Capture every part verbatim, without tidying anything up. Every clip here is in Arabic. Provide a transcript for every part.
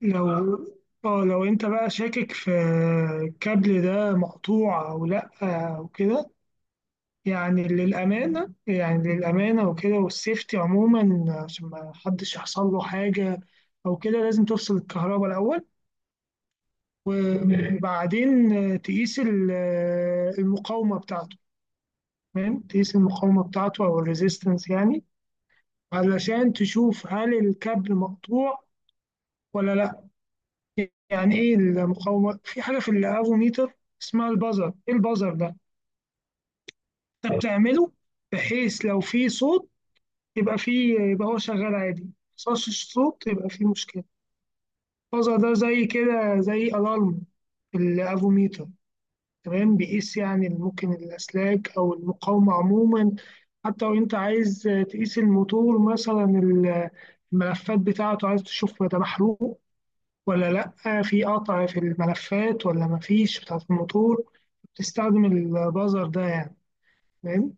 لو اه لو انت بقى شاكك في الكابل ده مقطوع او لا او كده. يعني للامانه، يعني للامانه وكده والسيفتي عموما عشان ما حدش يحصل له حاجه او كده، لازم تفصل الكهرباء الاول وبعدين تقيس ال- المقاومه بتاعته. تمام، تقيس المقاومه بتاعته او الريزيستنس يعني، علشان تشوف هل الكابل مقطوع ولا لا. يعني ايه المقاومه؟ في حاجه في الافوميتر اسمها البازر. ايه البازر ده؟ انت بتعمله بحيث لو في صوت يبقى في يبقى هو شغال عادي، ما حصلش صوت يبقى في مشكله. البازر ده زي كده زي الارم في الافوميتر. تمام، بيقيس يعني ممكن الاسلاك او المقاومه عموما. حتى لو انت عايز تقيس الموتور مثلا، ال- الملفات بتاعته، عايز تشوف ده محروق ولا لأ، في قطع في الملفات ولا مفيش بتاعة الموتور، بتستخدم البازر ده يعني. فاهم؟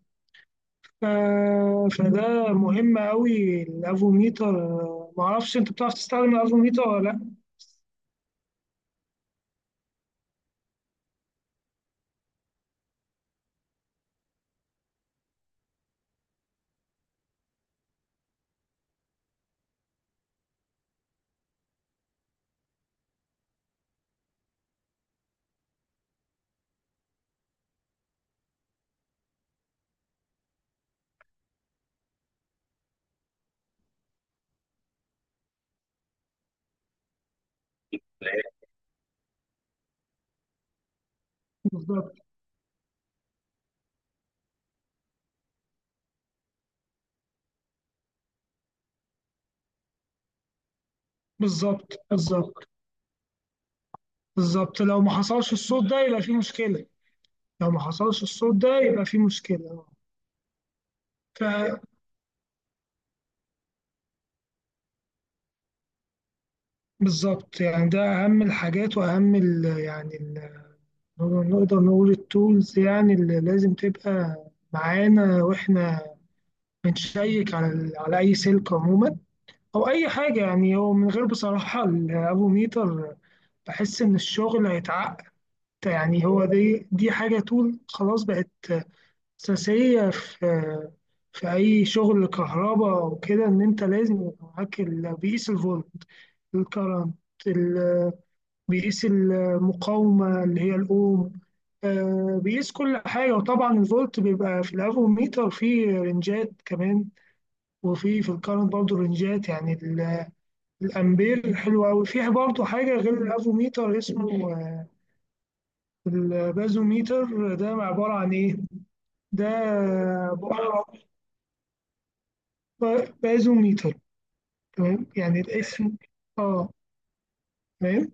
ف- فده مهم أوي الأفوميتر. معرفش أنت بتعرف تستخدم الأفوميتر ولا لأ. بالظبط، بالظبط. بالظبط. بالظبط، لو ما حصلش الصوت ده يبقى في مشكلة. لو ما حصلش الصوت ده يبقى في مشكلة. ف- بالظبط، يعني ده أهم الحاجات وأهم ال يعني ال نقدر نقول التولز يعني، اللي لازم تبقى معانا واحنا بنشيك على ال- على اي سلك عموما او اي حاجه. يعني هو من غير بصراحه الافوميتر بحس ان الشغل هيتعقد. يعني هو دي دي حاجه طول خلاص بقت اساسيه في في اي شغل كهرباء وكده، ان انت لازم يبقى معاك ال- بيقيس الفولت، الكرنت، ال- بيقيس المقاومه اللي هي الاوم. آه، بيقيس كل حاجه. وطبعا الفولت بيبقى في الافوميتر فيه رنجات كمان، وفي في الكارنت برضه رنجات يعني ال- الامبير. حلو قوي. في برضه حاجه غير الافوميتر اسمه آه، البازوميتر ده. عباره عن ايه ده؟ عباره عن بازوميتر. تمام يعني الاسم. اه. تمام.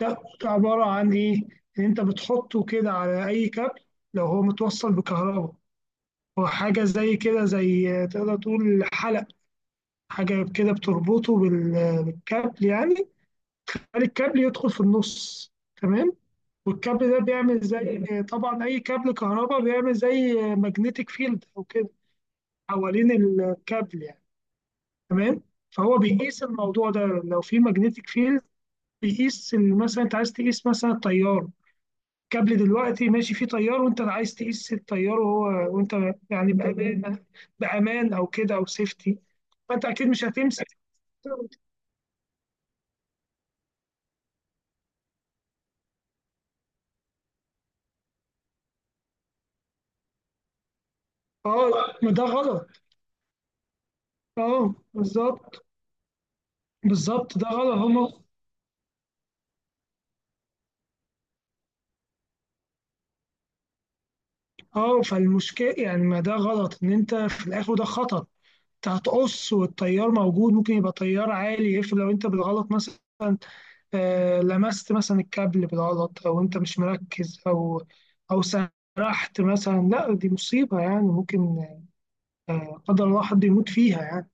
ده ده عباره عن ايه؟ ان انت بتحطه كده على اي كابل لو هو متوصل بكهرباء. هو حاجه زي كده، زي آه، تقدر تقول حلق، حاجه كده بتربطه بال- بالكابل يعني. الكابل يدخل في النص. تمام. والكابل ده بيعمل زي، طبعا اي كابل كهرباء بيعمل زي ماجنتيك فيلد او كده حوالين الكابل يعني. تمام. فهو بيقيس الموضوع ده، لو في ماجنتيك فيلد بيقيس ال- مثلا انت عايز تقيس مثلا التيار. الكابل دلوقتي ماشي فيه تيار وانت عايز تقيس التيار، وهو وانت يعني بامان. بامان او كده او سيفتي. فانت اكيد مش هتمسك. اه، ما ده غلط. اه، بالظبط. بالظبط، ده غلط هم. اه، فالمشكلة يعني ما ده غلط، ان انت في الاخر ده خطأ. انت هتقص والتيار موجود، ممكن يبقى تيار عالي. افرض لو انت بالغلط مثلا آه لمست مثلا الكابل بالغلط، او انت مش مركز او او سرحت مثلا، لا دي مصيبة يعني. ممكن آه قدر الله حد يموت فيها يعني.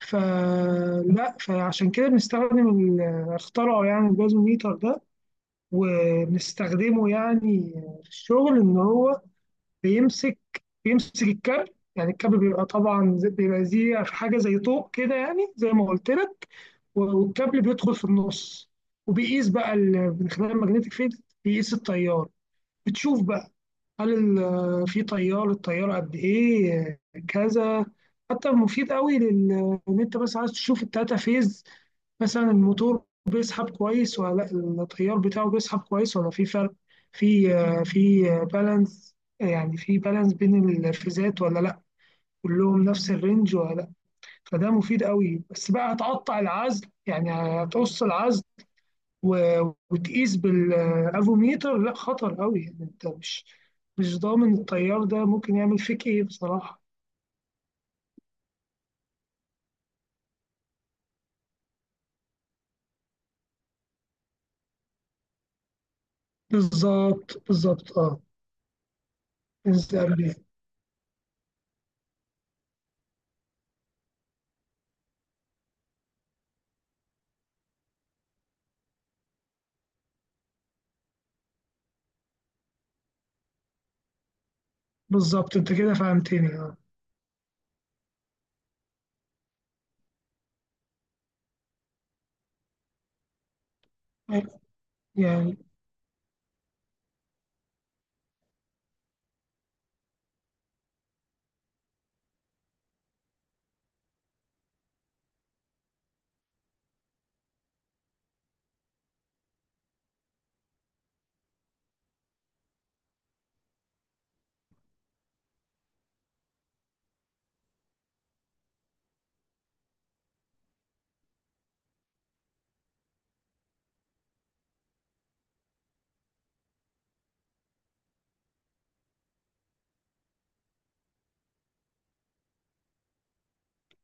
فلا، فعشان كده بنستخدم ال- اخترعوا يعني الجاز ميتر ده، وبنستخدمه يعني في الشغل. ان هو بيمسك بيمسك الكابل يعني. الكابل بيبقى طبعا زي- بيبقى زي حاجه زي طوق كده يعني، زي ما قلت لك. والكابل بيدخل في النص. وبيقيس بقى ال- من خلال الماجنتيك فيلد بيقيس التيار. بتشوف بقى هل ال- في تيار، التيار قد ايه، كذا. حتى مفيد قوي لل ان انت بس عايز تشوف التاتا فيز مثلا، الموتور بيسحب كويس ولا لا، التيار بتاعه بيسحب كويس ولا في فرق. في آه، في بالانس يعني، في بالانس بين الفيزات ولا لا، كلهم نفس الرينج ولا لا. فده مفيد قوي، بس بقى هتقطع العزل يعني، هتقص العزل و- وتقيس بالافوميتر. لا، خطر قوي يعني. انت مش مش ضامن التيار ده ممكن يعمل فيك ايه بصراحة. بالظبط، بالظبط. اه، بالظبط. بالظبط، انت كده فهمتني. اه، يعني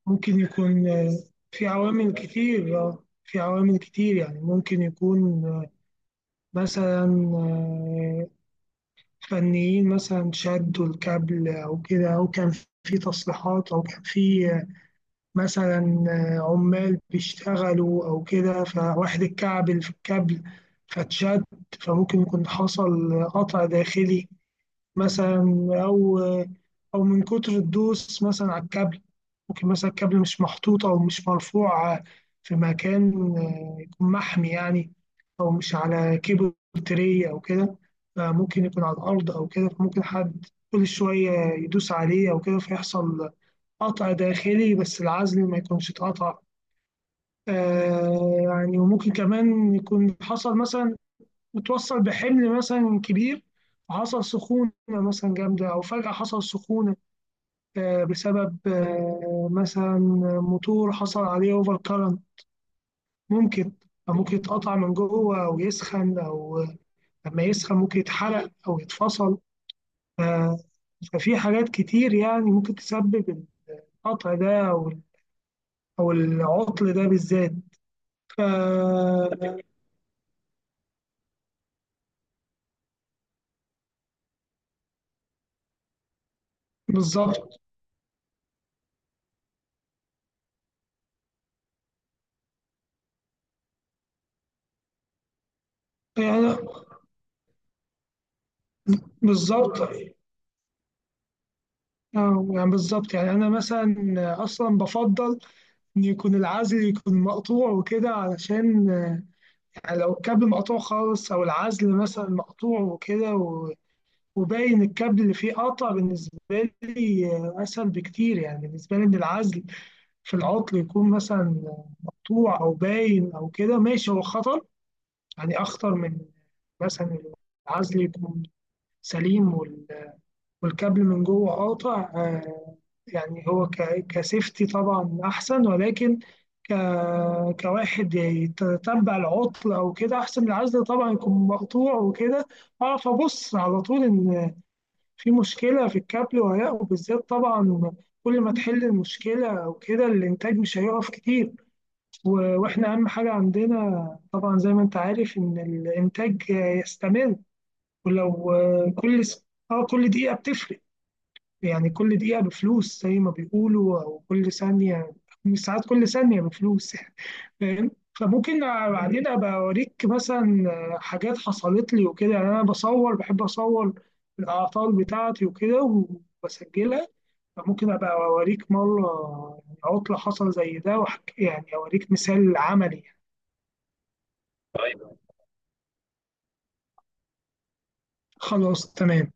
ممكن يكون آه، في عوامل كتير. آه، في عوامل كتير يعني. ممكن يكون آه، مثلا آه، فنيين مثلا شدوا الكابل أو كده، أو كان في تصليحات، أو كان في آه، مثلا آه، عمال بيشتغلوا أو كده فواحد اتكعبل في الكابل فاتشد، فممكن يكون حصل آه، قطع داخلي مثلا. او او من كتر الدوس مثلا على الكابل، ممكن مثلا الكابل مش محطوط او مش مرفوع في مكان آه، يكون محمي يعني، او مش على كيبل تري او كده، ممكن يكون على الارض او كده، فممكن حد كل شويه يدوس عليه او كده فيحصل قطع داخلي بس العزل ما يكونش اتقطع. آه يعني. وممكن كمان يكون حصل مثلا وتوصل بحمل مثلا كبير، حصل سخونة مثلا جامدة أو فجأة حصل سخونة آه، بسبب آه، مثلا موتور حصل عليه أوفر كارنت. ممكن أو ممكن يتقطع من جوه أو يسخن أو آه، لما يسخن ممكن يتحرق أو يتفصل. آه، ففي حاجات كتير يعني ممكن تسبب القطع ده أو أو العطل ده بالذات. ف- بالظبط يعني. بالظبط اه، يعني بالظبط يعني. انا مثلا اصلا بفضل ان يكون العزل يكون مقطوع وكده، علشان آه، يعني لو الكابل مقطوع خالص او العزل مثلا مقطوع وكده و- وباين الكابل اللي فيه قطع، بالنسبه لي آه، اسهل بكتير. يعني بالنسبه لي ان العزل في العطل يكون مثلا مقطوع او باين او كده ماشي. هو خطر يعني، اخطر من مثلا العزل يكون سليم والكابل من جوه قاطع. آه، يعني هو ك- كسيفتي طبعا أحسن، ولكن ك- كواحد يتتبع العطل أو كده أحسن من العزل طبعا يكون مقطوع وكده. أعرف أبص على طول إن في مشكلة في الكابل ولا لأ. وبالذات طبعا كل ما تحل المشكلة أو كده الإنتاج مش هيقف كتير. و- وإحنا أهم حاجة عندنا طبعا زي ما أنت عارف إن الإنتاج يستمر. ولو آه، كل س- اه كل دقيقة بتفرق يعني. كل دقيقة بفلوس زي ما بيقولوا، أو كل ثانية، مش ساعات كل ثانية بفلوس يعني. فاهم؟ فممكن بعدين أبقى أوريك مثلا حاجات حصلت لي وكده. يعني أنا بصور، بحب أصور الأعطال بتاعتي وكده وبسجلها، فممكن أبقى أوريك مرة يعني عطلة حصل زي ده وأحكي، يعني أوريك مثال عملي. خلاص تمام.